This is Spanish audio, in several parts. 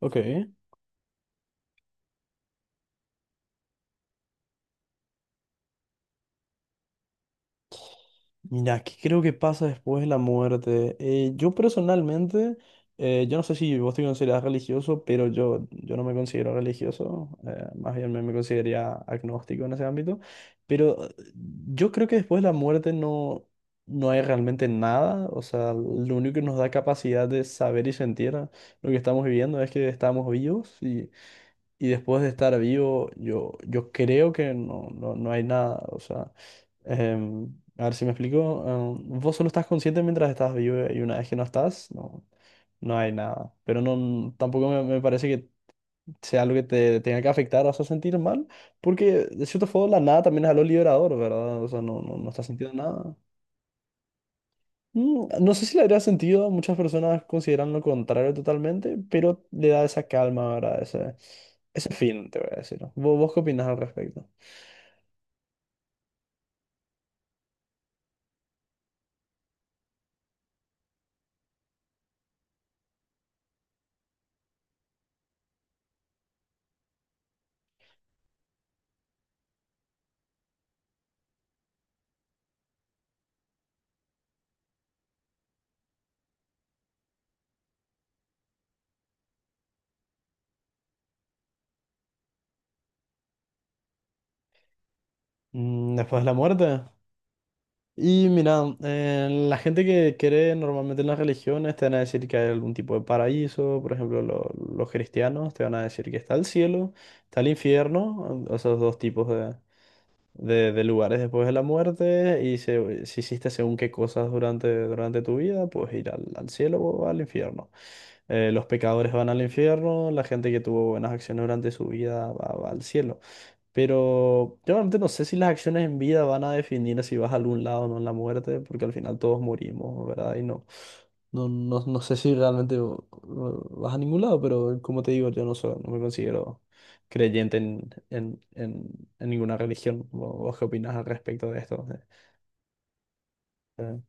Ok, mira, ¿aquí creo que pasa después de la muerte? Yo personalmente, yo no sé si vos te consideras religioso, pero yo no me considero religioso, más bien me consideraría agnóstico en ese ámbito, pero yo creo que después de la muerte no hay realmente nada. O sea, lo único que nos da capacidad de saber y sentir lo que estamos viviendo es que estamos vivos, y después de estar vivo, yo creo que no hay nada, o sea. A ver si me explico. Vos solo estás consciente mientras estás vivo, y una vez que no estás, no, no hay nada. Pero no, tampoco me parece que sea algo que te tenga que afectar o hacer sentir mal, porque de cierto modo la nada también es algo liberador, ¿verdad? O sea, no estás sintiendo nada. No sé si le haría sentido, muchas personas consideran lo contrario totalmente, pero le da esa calma, ¿verdad? Ese fin, te voy a decir. Vos qué opinas al respecto? Después de la muerte. Y mira, la gente que cree normalmente en las religiones te van a decir que hay algún tipo de paraíso. Por ejemplo, los cristianos te van a decir que está el cielo, está el infierno, esos dos tipos de lugares después de la muerte, y si hiciste según qué cosas durante, durante tu vida, pues ir al, al cielo o al infierno. Los pecadores van al infierno, la gente que tuvo buenas acciones durante su vida va al cielo. Pero yo realmente no sé si las acciones en vida van a definir si vas a algún lado o no en la muerte, porque al final todos morimos, ¿verdad? Y no sé si realmente vas a ningún lado. Pero como te digo, yo no soy, no me considero creyente en ninguna religión. ¿Vos qué opinas al respecto de esto? Eh,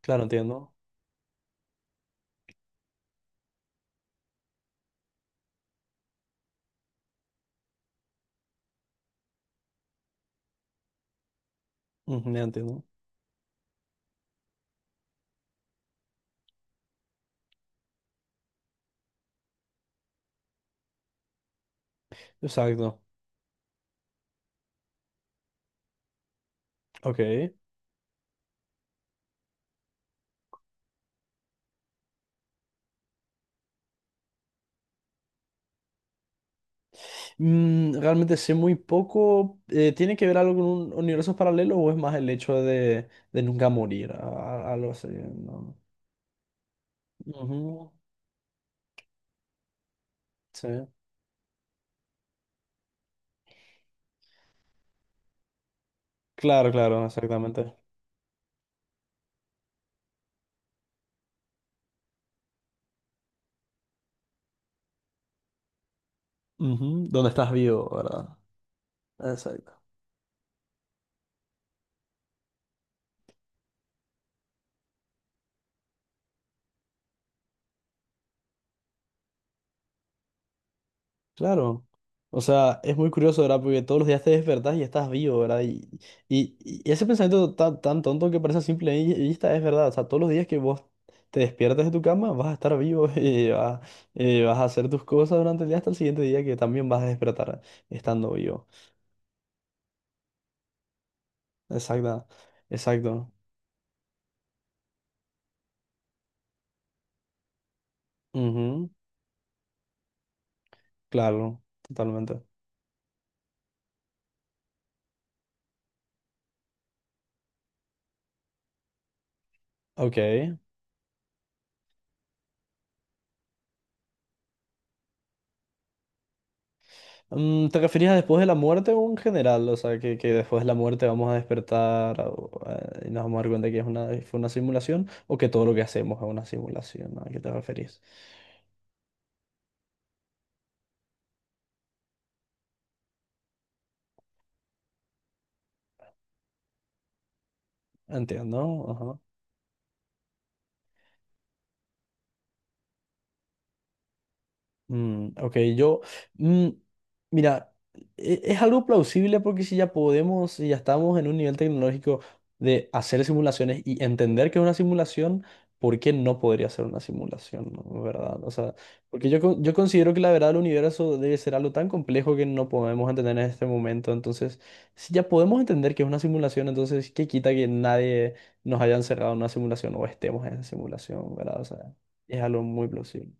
claro, entiendo. Ujú, ya entiendo. Exacto. Ok. Realmente sé muy poco. ¿Tiene que ver algo con un universo paralelo, o es más el hecho de nunca morir? Algo así, ¿no? Ujú, sí. Claro, claro, exactamente. Ujú, ¿dónde estás vivo, verdad? Exacto. Claro. O sea, es muy curioso, ¿verdad? Porque todos los días te despertás y estás vivo, ¿verdad? Y ese pensamiento tan, tan tonto que parece a simple, y es verdad. O sea, todos los días que vos te despiertas de tu cama, vas a estar vivo y vas, vas a hacer tus cosas durante el día hasta el siguiente día, que también vas a despertar estando vivo. Exacto. Exacto. Ujú, claro, totalmente. Ok. ¿Te referías a después de la muerte o en general? O sea, que después de la muerte vamos a despertar, o, y nos vamos a dar cuenta que es una, fue una simulación, o que todo lo que hacemos es una simulación. ¿A qué te referís? Entiendo, ajá. Ok, mm, mira, es algo plausible, porque si ya podemos, si ya estamos en un nivel tecnológico de hacer simulaciones y entender que es una simulación, ¿por qué no podría ser una simulación, no? ¿Verdad? O sea, porque yo considero que la verdad del universo debe ser algo tan complejo que no podemos entender en este momento. Entonces, si ya podemos entender que es una simulación, entonces, ¿qué quita que nadie nos haya encerrado en una simulación o estemos en esa simulación, ¿verdad? O sea, es algo muy plausible.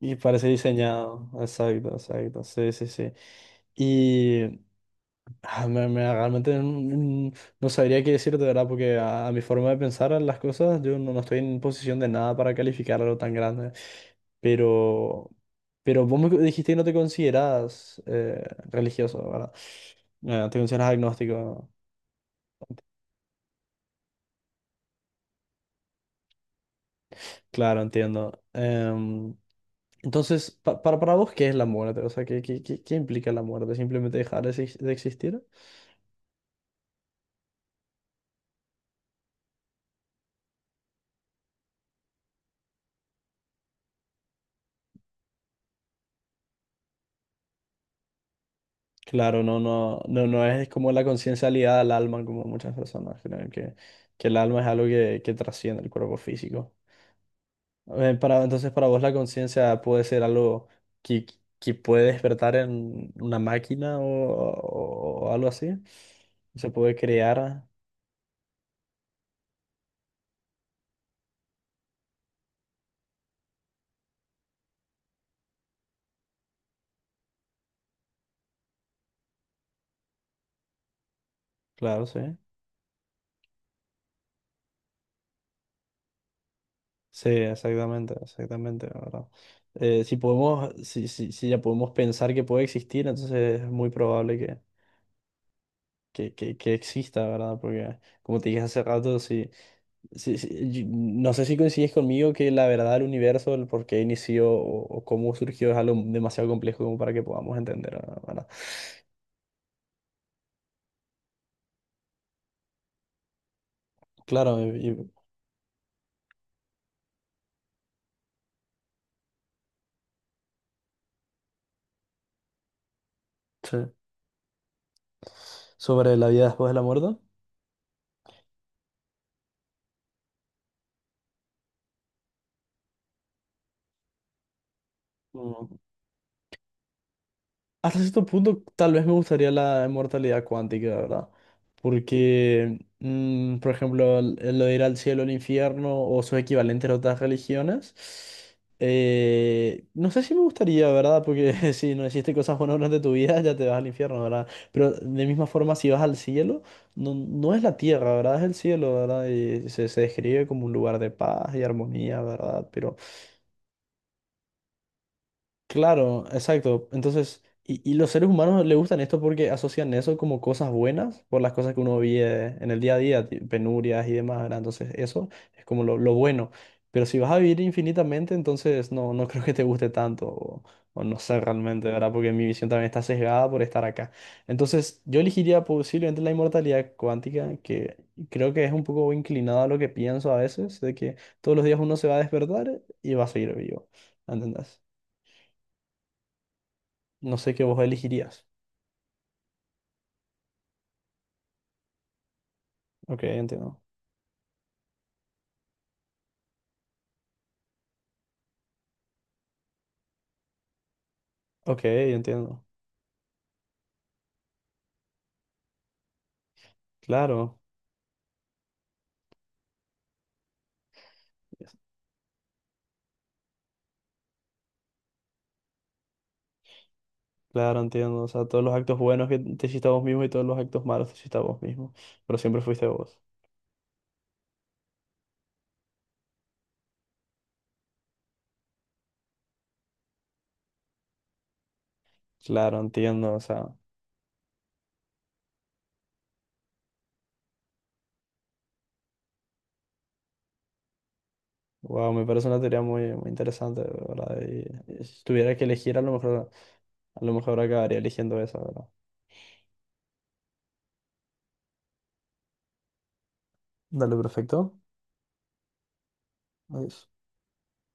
Y parece diseñado, exacto, exacto, sí, sí, sí. Y ah, realmente no sabría qué decirte, ¿verdad? Porque a mi forma de pensar en las cosas, yo no, no estoy en posición de nada para calificar algo tan grande. Pero, pero vos me dijiste que no te consideras religioso, ¿verdad? Te consideras agnóstico. Claro, entiendo. Entonces, para vos, ¿qué es la muerte? O sea, qué implica la muerte? ¿Simplemente dejar de existir? Claro, no es como la conciencia ligada al alma, como muchas personas creen que el alma es algo que trasciende el cuerpo físico. Para, entonces, para vos la conciencia puede ser algo que, que puede despertar en una máquina, o algo así. Se puede crear, claro, sí. Sí, exactamente, exactamente, la ¿verdad? Si podemos, si ya podemos pensar que puede existir, entonces es muy probable que exista, ¿verdad? Porque, como te dije hace rato, no sé si coincides conmigo que la verdad del universo, el por qué inició, o cómo surgió, es algo demasiado complejo como para que podamos entender, ¿verdad? Claro, sí. Sobre la vida después de la muerte. Hasta cierto punto, tal vez me gustaría la inmortalidad cuántica, ¿verdad? Porque, por ejemplo, el lo de ir al cielo, al infierno o sus equivalentes de otras religiones, no sé si me gustaría, ¿verdad? Porque si no hiciste cosas buenas durante tu vida, ya te vas al infierno, ¿verdad? Pero de misma forma, si vas al cielo, no, no es la tierra, ¿verdad? Es el cielo, ¿verdad? Y se describe como un lugar de paz y armonía, ¿verdad? Pero claro, exacto. Entonces, y los seres humanos le gustan esto porque asocian eso como cosas buenas por las cosas que uno vive en el día a día, penurias y demás, ¿verdad? Entonces, eso es como lo bueno. Pero si vas a vivir infinitamente, entonces no creo que te guste tanto, o no sé realmente, ¿verdad? Porque mi visión también está sesgada por estar acá. Entonces, yo elegiría posiblemente la inmortalidad cuántica, que creo que es un poco inclinada a lo que pienso a veces, de que todos los días uno se va a despertar y va a seguir vivo, ¿entendés? No sé qué vos elegirías. Ok, entiendo. Ok, entiendo. Claro, es- claro, entiendo. O sea, todos los actos buenos que te hiciste a vos mismo, y todos los actos malos te hiciste a vos mismo. Pero siempre fuiste vos. Claro, entiendo. O sea, wow, me parece una teoría muy, muy interesante, ¿verdad? Y si tuviera que elegir, a lo mejor acabaría eligiendo esa, ¿verdad? Dale, perfecto. Adiós.